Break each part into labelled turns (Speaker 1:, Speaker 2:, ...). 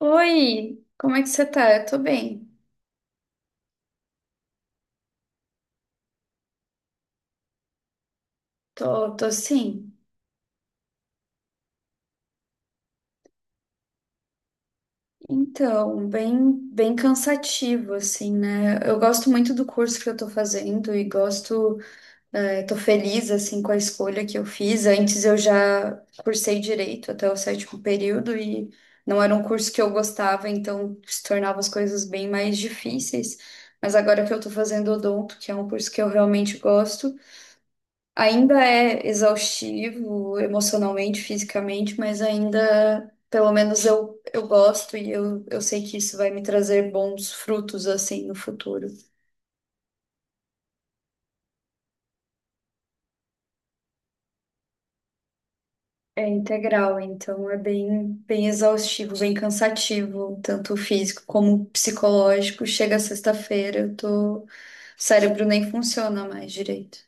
Speaker 1: Oi, como é que você tá? Eu tô bem. Tô, tô sim. Então, bem, bem cansativo, assim, né? Eu gosto muito do curso que eu tô fazendo e gosto, tô feliz, assim, com a escolha que eu fiz. Antes eu já cursei direito até o sétimo período e não era um curso que eu gostava, então se tornava as coisas bem mais difíceis. Mas agora que eu tô fazendo odonto, que é um curso que eu realmente gosto, ainda é exaustivo emocionalmente, fisicamente, mas ainda, pelo menos eu gosto e eu sei que isso vai me trazer bons frutos assim no futuro. É integral, então é bem, bem exaustivo, bem cansativo, tanto físico como psicológico. Chega sexta-feira, eu tô, o cérebro nem funciona mais direito.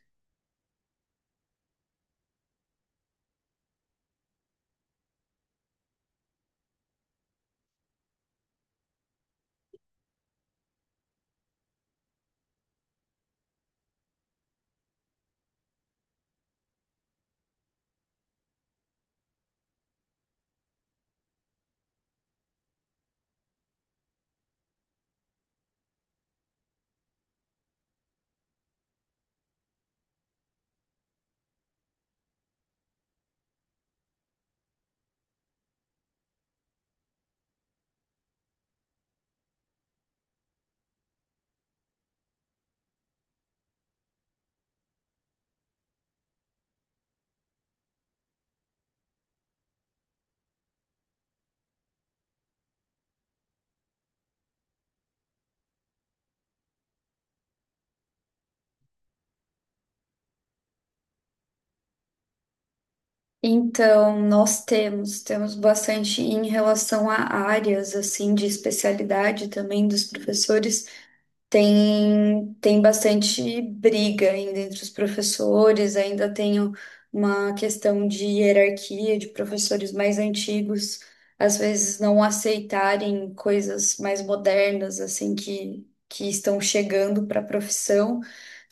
Speaker 1: Então, nós temos bastante em relação a áreas assim de especialidade também dos professores. Tem bastante briga ainda entre os professores, ainda uma questão de hierarquia de professores mais antigos, às vezes não aceitarem coisas mais modernas assim que estão chegando para a profissão.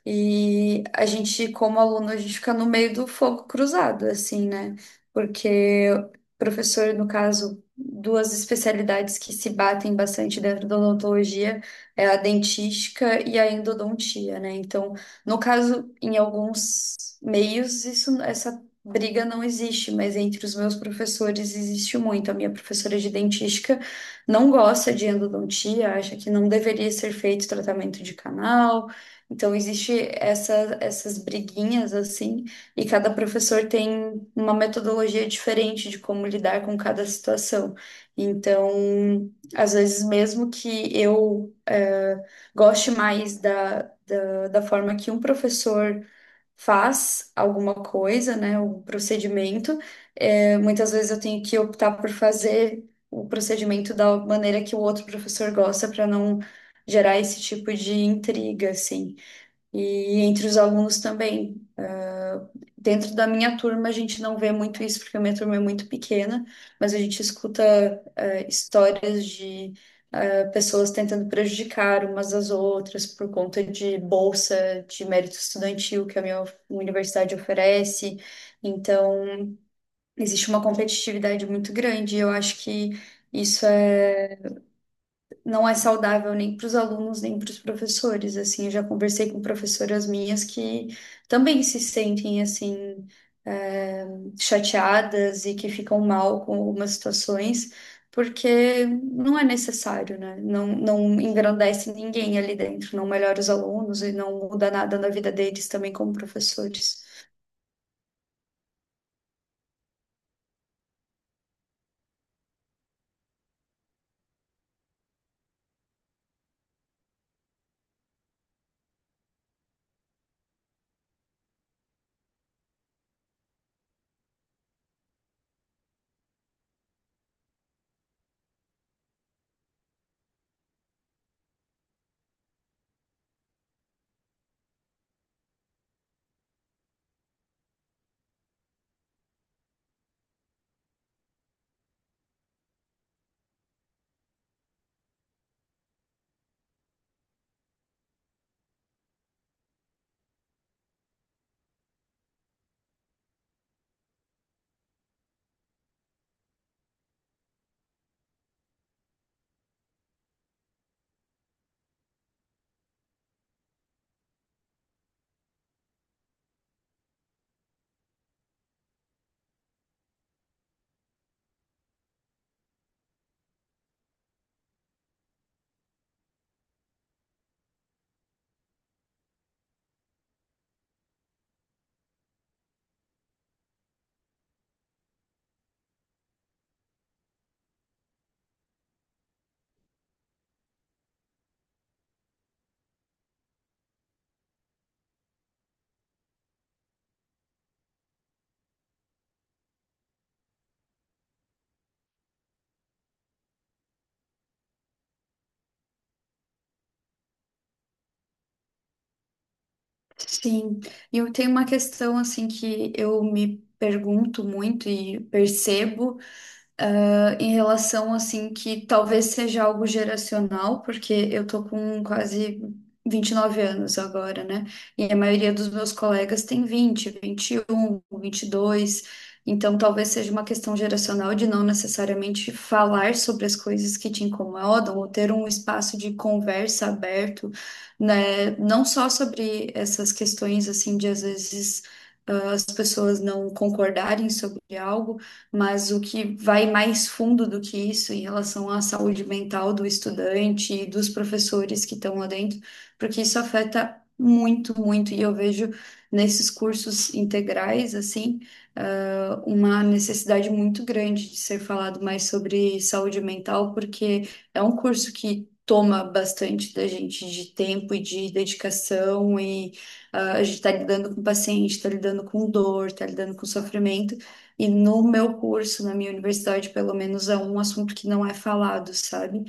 Speaker 1: E a gente, como aluno, a gente fica no meio do fogo cruzado, assim, né? Porque o professor, no caso, duas especialidades que se batem bastante dentro da odontologia é a dentística e a endodontia, né? Então, no caso, em alguns meios, isso, essa briga não existe, mas entre os meus professores existe muito. A minha professora de dentística não gosta de endodontia, acha que não deveria ser feito tratamento de canal. Então existe essa, essas briguinhas assim, e cada professor tem uma metodologia diferente de como lidar com cada situação. Então, às vezes mesmo que eu goste mais da, da forma que um professor faz alguma coisa, né, um procedimento, muitas vezes eu tenho que optar por fazer o procedimento da maneira que o outro professor gosta para não gerar esse tipo de intriga, assim e entre os alunos também. Dentro da minha turma, a gente não vê muito isso, porque a minha turma é muito pequena, mas a gente escuta histórias de pessoas tentando prejudicar umas às outras por conta de bolsa de mérito estudantil que a minha universidade oferece. Então, existe uma competitividade muito grande, e eu acho que isso é não é saudável nem para os alunos, nem para os professores, assim, eu já conversei com professoras minhas que também se sentem, assim, eh, chateadas e que ficam mal com algumas situações, porque não é necessário, né? Não, não engrandece ninguém ali dentro, não melhora os alunos e não muda nada na vida deles também como professores. Sim, e eu tenho uma questão assim que eu me pergunto muito e percebo, em relação assim que talvez seja algo geracional, porque eu tô com quase 29 anos agora, né? E a maioria dos meus colegas tem 20, 21, 22 Então talvez seja uma questão geracional de não necessariamente falar sobre as coisas que te incomodam ou ter um espaço de conversa aberto, né? Não só sobre essas questões assim de às vezes as pessoas não concordarem sobre algo, mas o que vai mais fundo do que isso em relação à saúde mental do estudante e dos professores que estão lá dentro, porque isso afeta muito, muito, e eu vejo nesses cursos integrais, assim, uma necessidade muito grande de ser falado mais sobre saúde mental, porque é um curso que toma bastante da gente de tempo e de dedicação e a gente está lidando com paciente, está lidando com dor, está lidando com sofrimento. E no meu curso, na minha universidade, pelo menos é um assunto que não é falado, sabe?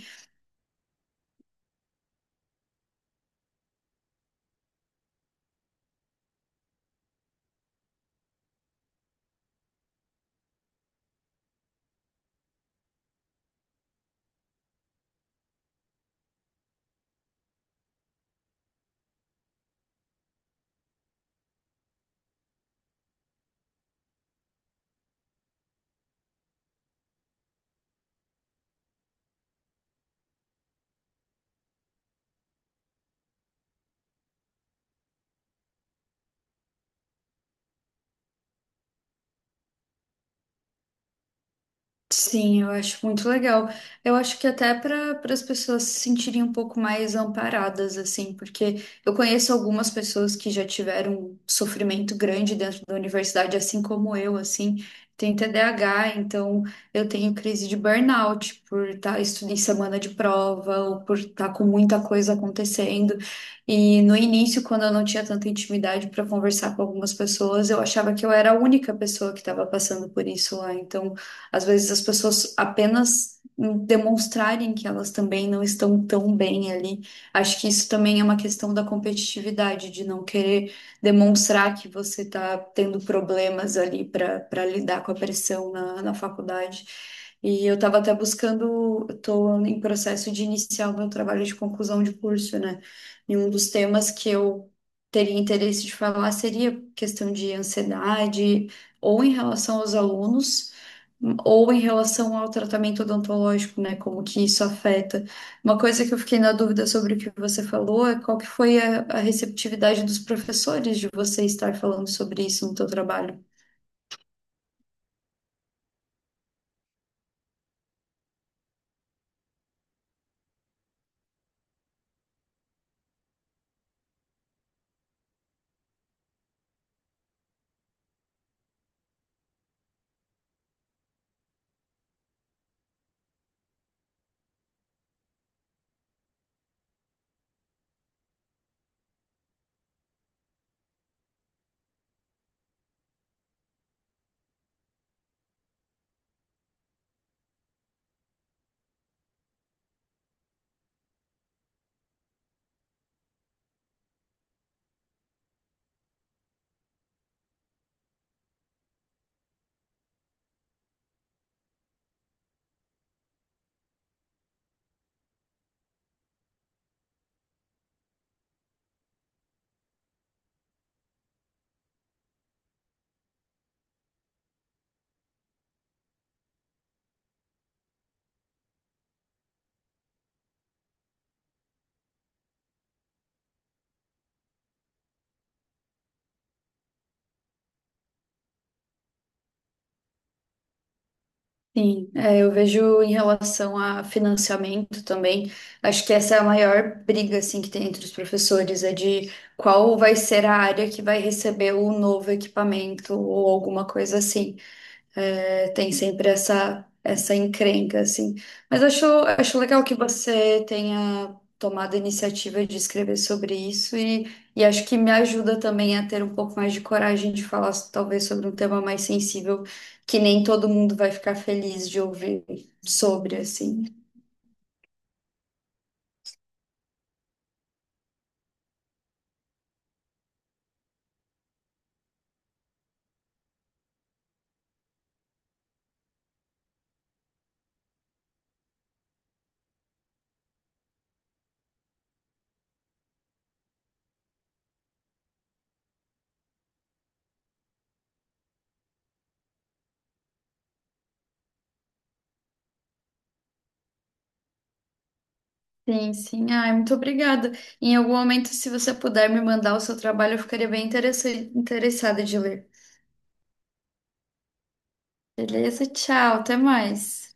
Speaker 1: Sim, eu acho muito legal. Eu acho que até para as pessoas se sentirem um pouco mais amparadas, assim, porque eu conheço algumas pessoas que já tiveram um sofrimento grande dentro da universidade, assim como eu, assim, tenho TDAH, então eu tenho crise de burnout por estar estudando em semana de prova ou por estar com muita coisa acontecendo. E no início, quando eu não tinha tanta intimidade para conversar com algumas pessoas, eu achava que eu era a única pessoa que estava passando por isso lá. Então, às vezes as pessoas apenas demonstrarem que elas também não estão tão bem ali. Acho que isso também é uma questão da competitividade, de não querer demonstrar que você está tendo problemas ali para lidar com a pressão na, na faculdade. E eu estava até buscando, estou em processo de iniciar o meu trabalho de conclusão de curso, né? E um dos temas que eu teria interesse de falar seria questão de ansiedade, ou em relação aos alunos ou em relação ao tratamento odontológico, né? Como que isso afeta. Uma coisa que eu fiquei na dúvida sobre o que você falou é qual que foi a receptividade dos professores de você estar falando sobre isso no teu trabalho. Sim, é, eu vejo em relação a financiamento também, acho que essa é a maior briga assim que tem entre os professores, é de qual vai ser a área que vai receber o novo equipamento ou alguma coisa assim. É, tem sempre essa encrenca, assim. Mas acho legal que você tenha tomado a iniciativa de escrever sobre isso e acho que me ajuda também a ter um pouco mais de coragem de falar, so, talvez, sobre um tema mais sensível que nem todo mundo vai ficar feliz de ouvir sobre, assim. Sim, sim. Ai, muito obrigada. Em algum momento, se você puder me mandar o seu trabalho, eu ficaria bem interessada de ler. Beleza? Tchau, até mais.